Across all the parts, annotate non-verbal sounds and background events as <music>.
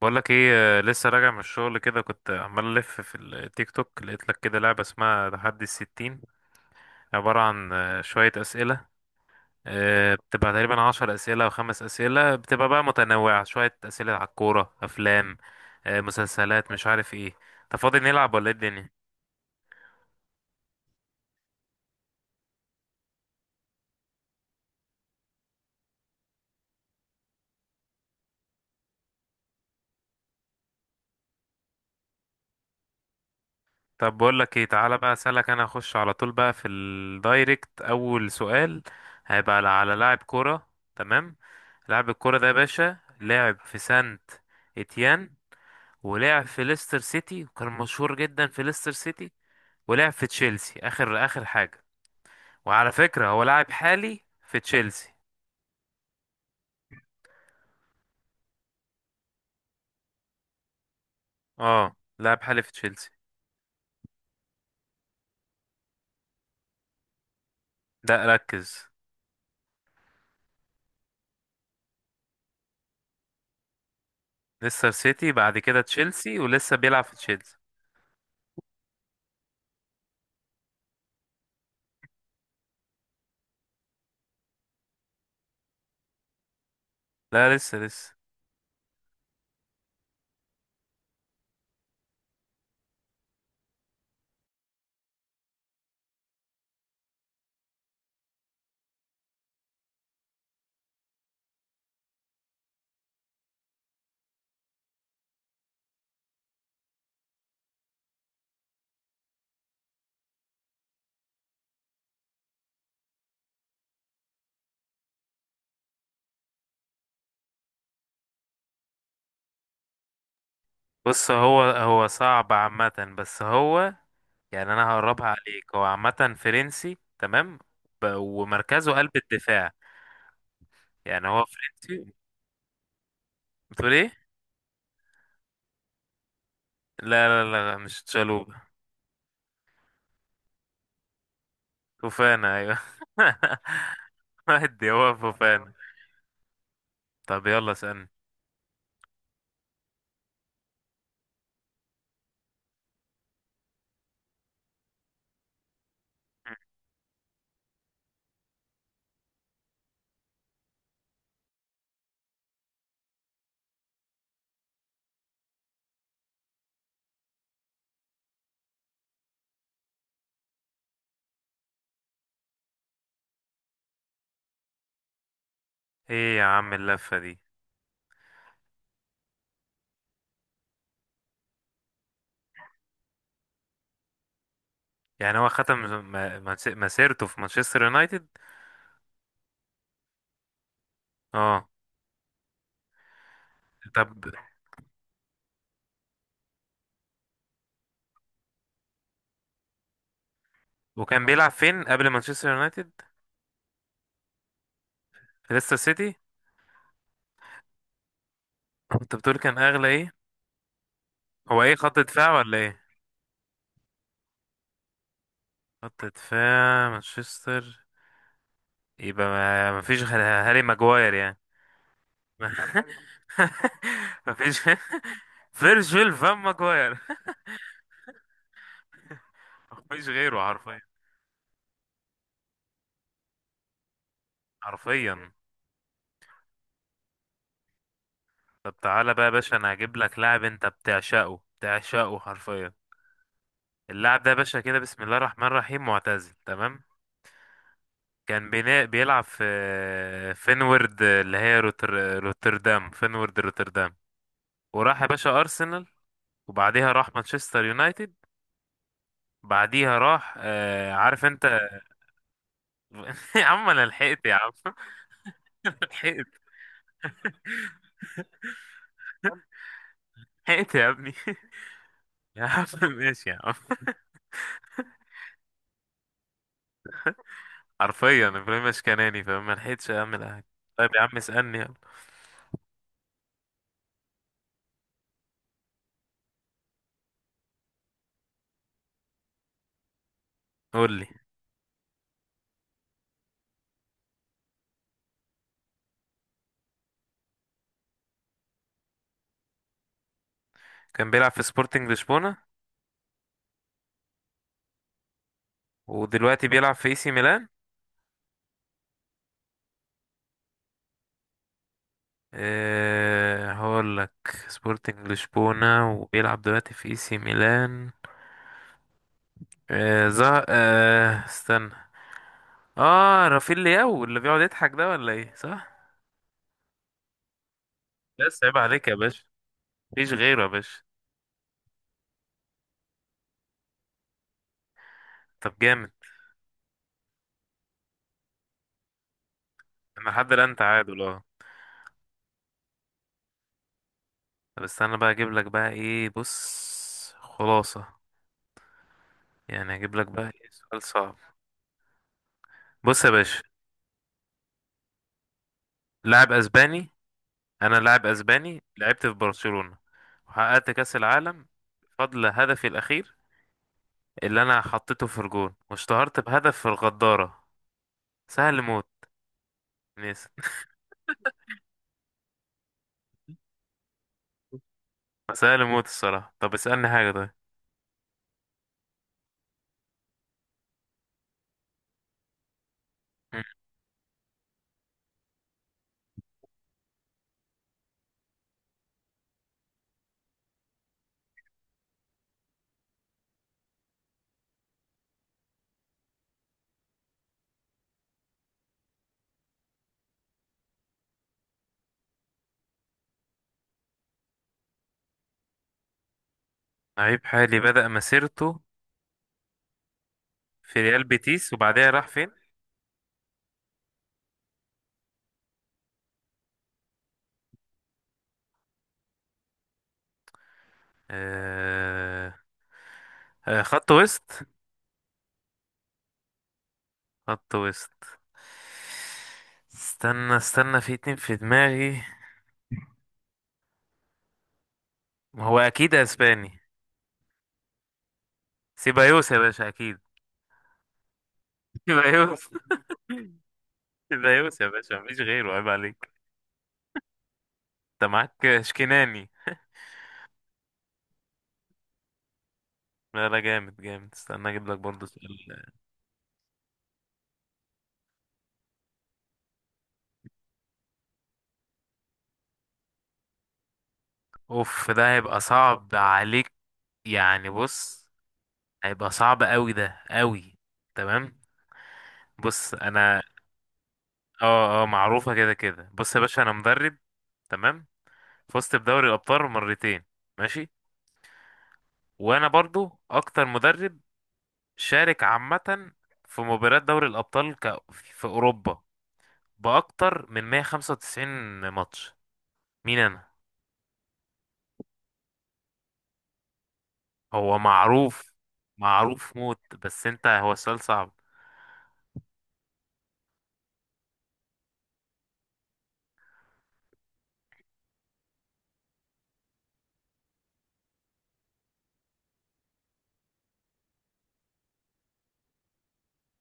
بقول لك ايه، لسه راجع من الشغل كده. كنت عمال الف في التيك توك، لقيت لك كده لعبه اسمها تحدي الستين، عباره عن شويه اسئله. بتبقى تقريبا 10 اسئله او خمس اسئله، بتبقى بقى متنوعه. شويه اسئله على الكوره، افلام، مسلسلات، مش عارف ايه. انت فاضي نلعب ولا ايه الدنيا؟ طب بقول لك ايه، تعالى بقى اسالك. انا اخش على طول بقى في الدايركت. اول سؤال هيبقى على لاعب كوره. تمام. لاعب الكوره ده يا باشا لعب في سانت اتيان، ولعب في ليستر سيتي وكان مشهور جدا في ليستر سيتي، ولعب في تشيلسي اخر اخر حاجه. وعلى فكره هو لاعب حالي في تشيلسي. اه، لاعب حالي في تشيلسي. لا، ركز. ليستر سيتي بعد كده تشيلسي، ولسه بيلعب في تشيلسي. لا، لسه لسه. بص، هو صعب عامه، بس هو يعني انا هقربها عليك. هو عامه فرنسي. تمام. ومركزه قلب الدفاع. يعني هو فرنسي. بتقول ايه؟ لا لا لا، مش تشالوب. فوفانا، ايوه. <laughs> ودي هو فوفانا. طب يلا اسألني. ايه يا عم اللفة دي؟ يعني هو ختم مسيرته في مانشستر يونايتد. اه. طب، وكان بيلعب فين قبل مانشستر يونايتد؟ في ليستر سيتي. انت بتقول كان اغلى ايه؟ هو ايه، خط دفاع ولا ايه؟ خط دفاع مانشستر. يبقى ما مفيش غير هاري ماجواير يعني. <laughs> مفيش. فيرجيل فان ماجواير. <laughs> مفيش غيره حرفيا. حرفيا. طب تعالى بقى يا باشا، انا هجيب لك لاعب انت بتعشقه بتعشقه حرفيا. اللاعب ده يا باشا كده، بسم الله الرحمن الرحيم، معتزل. تمام. كان بيلعب في فينورد، اللي هي روتردام. فينورد روتردام. وراح يا باشا ارسنال، وبعديها راح مانشستر يونايتد. بعديها راح عارف انت. <laughs> يا عم انا لحقت يا عم. <laughs> لحقت. لحقت يا ابني. <laughs> يا عم ماشي يا عم. <laughs> حرفيا ابراهيم اشكناني، فما لحقتش اعمل حاجه. طيب يا عم اسالني يلا. قول لي. كان بيلعب في سبورتنج لشبونة، ودلوقتي بيلعب في اي سي ميلان. أه، هقول لك. سبورتنج لشبونة، وبيلعب دلوقتي في اي سي ميلان. أه زه... أه استنى. اه، رافيل لياو اللي بيقعد يضحك ده، ولا ايه؟ صح. بس عيب عليك يا باشا، مفيش غيره يا باشا. طب جامد. انا لحد الان تعادل، اه. طب استنى بقى اجيب لك بقى ايه. بص، خلاصة يعني، اجيب لك بقى ايه سؤال صعب. بص يا باشا، لاعب اسباني. انا لاعب اسباني، لعبت في برشلونة، وحققت كاس العالم بفضل هدفي الاخير اللي انا حطيته في الجون، واشتهرت بهدف في الغدارة. سهل موت. ناس. <laughs> سهل موت الصراحة. طب اسألني حاجة طيب. مم. لعيب حالي بدأ مسيرته في ريال بيتيس، وبعدها راح فين؟ آه... خط وسط. خط وسط. استنى استنى، في اتنين في دماغي. هو اكيد اسباني. سيبايوس يا باشا اكيد. <laughs> سيبايوس. زيوس يا باشا، مفيش غيره، عيب عليك. انت معاك شكناني. لا لا، جامد جامد. استنى اجيب لك برضه سؤال. اوف، ده هيبقى صعب عليك. يعني بص، هيبقى صعب قوي، ده قوي. تمام. بص انا. اه اه، معروفة كده كده. بص يا باشا، انا مدرب. تمام. فزت بدوري الابطال مرتين. ماشي. وانا برضو اكتر مدرب شارك عامة في مباريات دوري الابطال في اوروبا، باكتر من 195 ماتش. مين انا؟ هو معروف. معروف موت، بس انت هو السؤال صعب.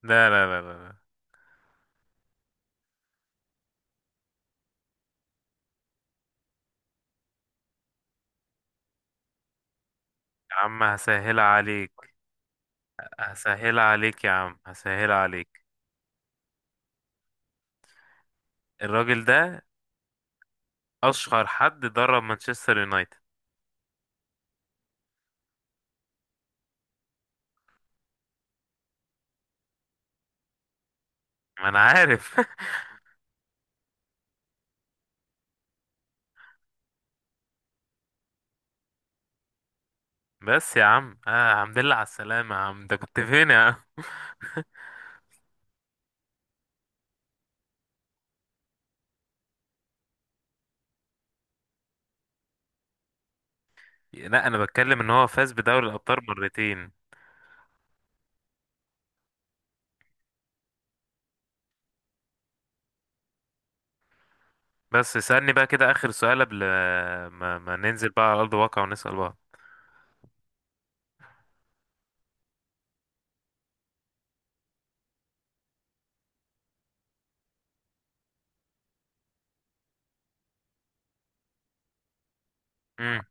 لا لا لا لا لا. يا عم هسهل عليك. هسهل عليك يا عم، هسهل عليك. الراجل ده اشهر حد درب مانشستر يونايتد. ما انا عارف. <laughs> بس يا عم، الحمد لله على السلامة يا عم، ده كنت فين يا عم؟ لا، انا بتكلم ان هو فاز بدوري الابطال مرتين. بس اسألني بقى كده اخر سؤال، قبل ما ننزل بقى على ارض الواقع ونسأل بعض. امم.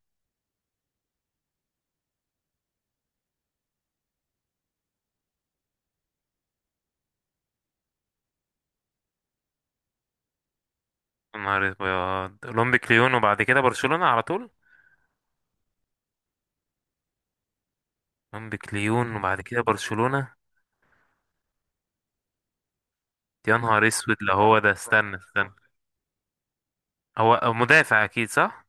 نهار ابيض، اولمبيك ليون وبعد كده برشلونة على طول. مونبيك ليون وبعد كده برشلونة. يا نهار اسود، لا هو ده، استنى استنى. هو مدافع اكيد، صح؟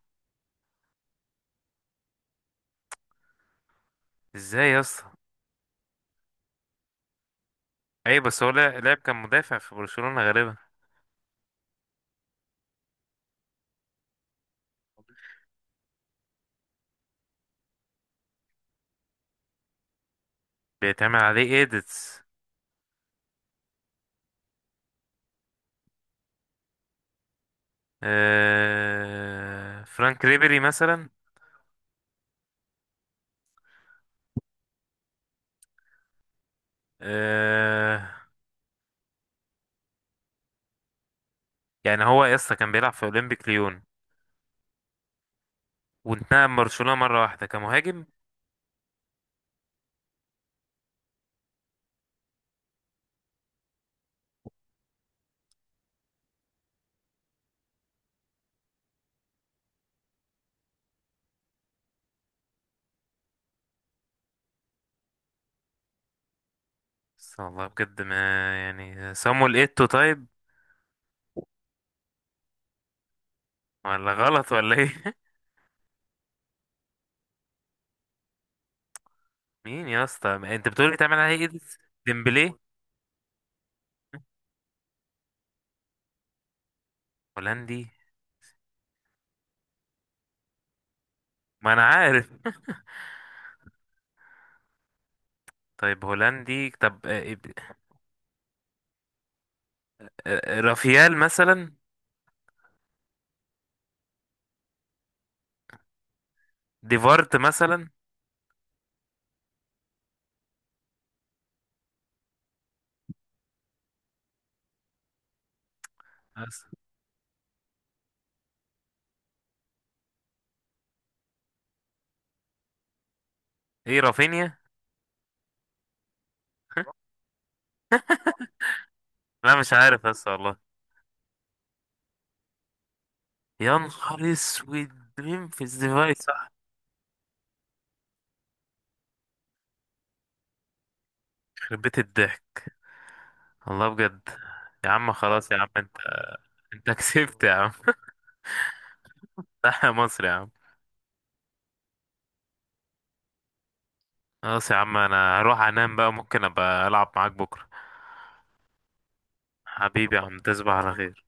ازاي يا اسطى؟ اي بس هو لاعب كان مدافع في برشلونة غالبا. بيتعمل عليه ايديتس. فرانك ريبيري مثلا. آه... يعني هو يا اسطى كان بيلعب في اولمبيك ليون، وانتقل من برشلونة مرة واحدة كمهاجم. بس والله بجد ما. يعني صامويل ايتو طيب، ولا غلط ولا ايه؟ <laughs> مين يا اسطى، ما انت بتقول بيتعمل عليه ايديتس؟ ديمبلي. هولندي. ما انا عارف. <laughs> طيب هولندي. طب رافيال مثلا. ديفارت مثلا. أس- ايه رافينيا. لا مش عارف بس والله. يا نهار اسود. مين في الزفاي؟ صح. يخرب بيت الضحك. والله بجد. يا عم خلاص يا عم، انت كسبت يا عم. <laughs> صح يا مصر يا عم. خلاص يا عم، انا هروح انام بقى. ممكن ابقى العب معاك بكره. حبيبي يا عم، تصبح على خير.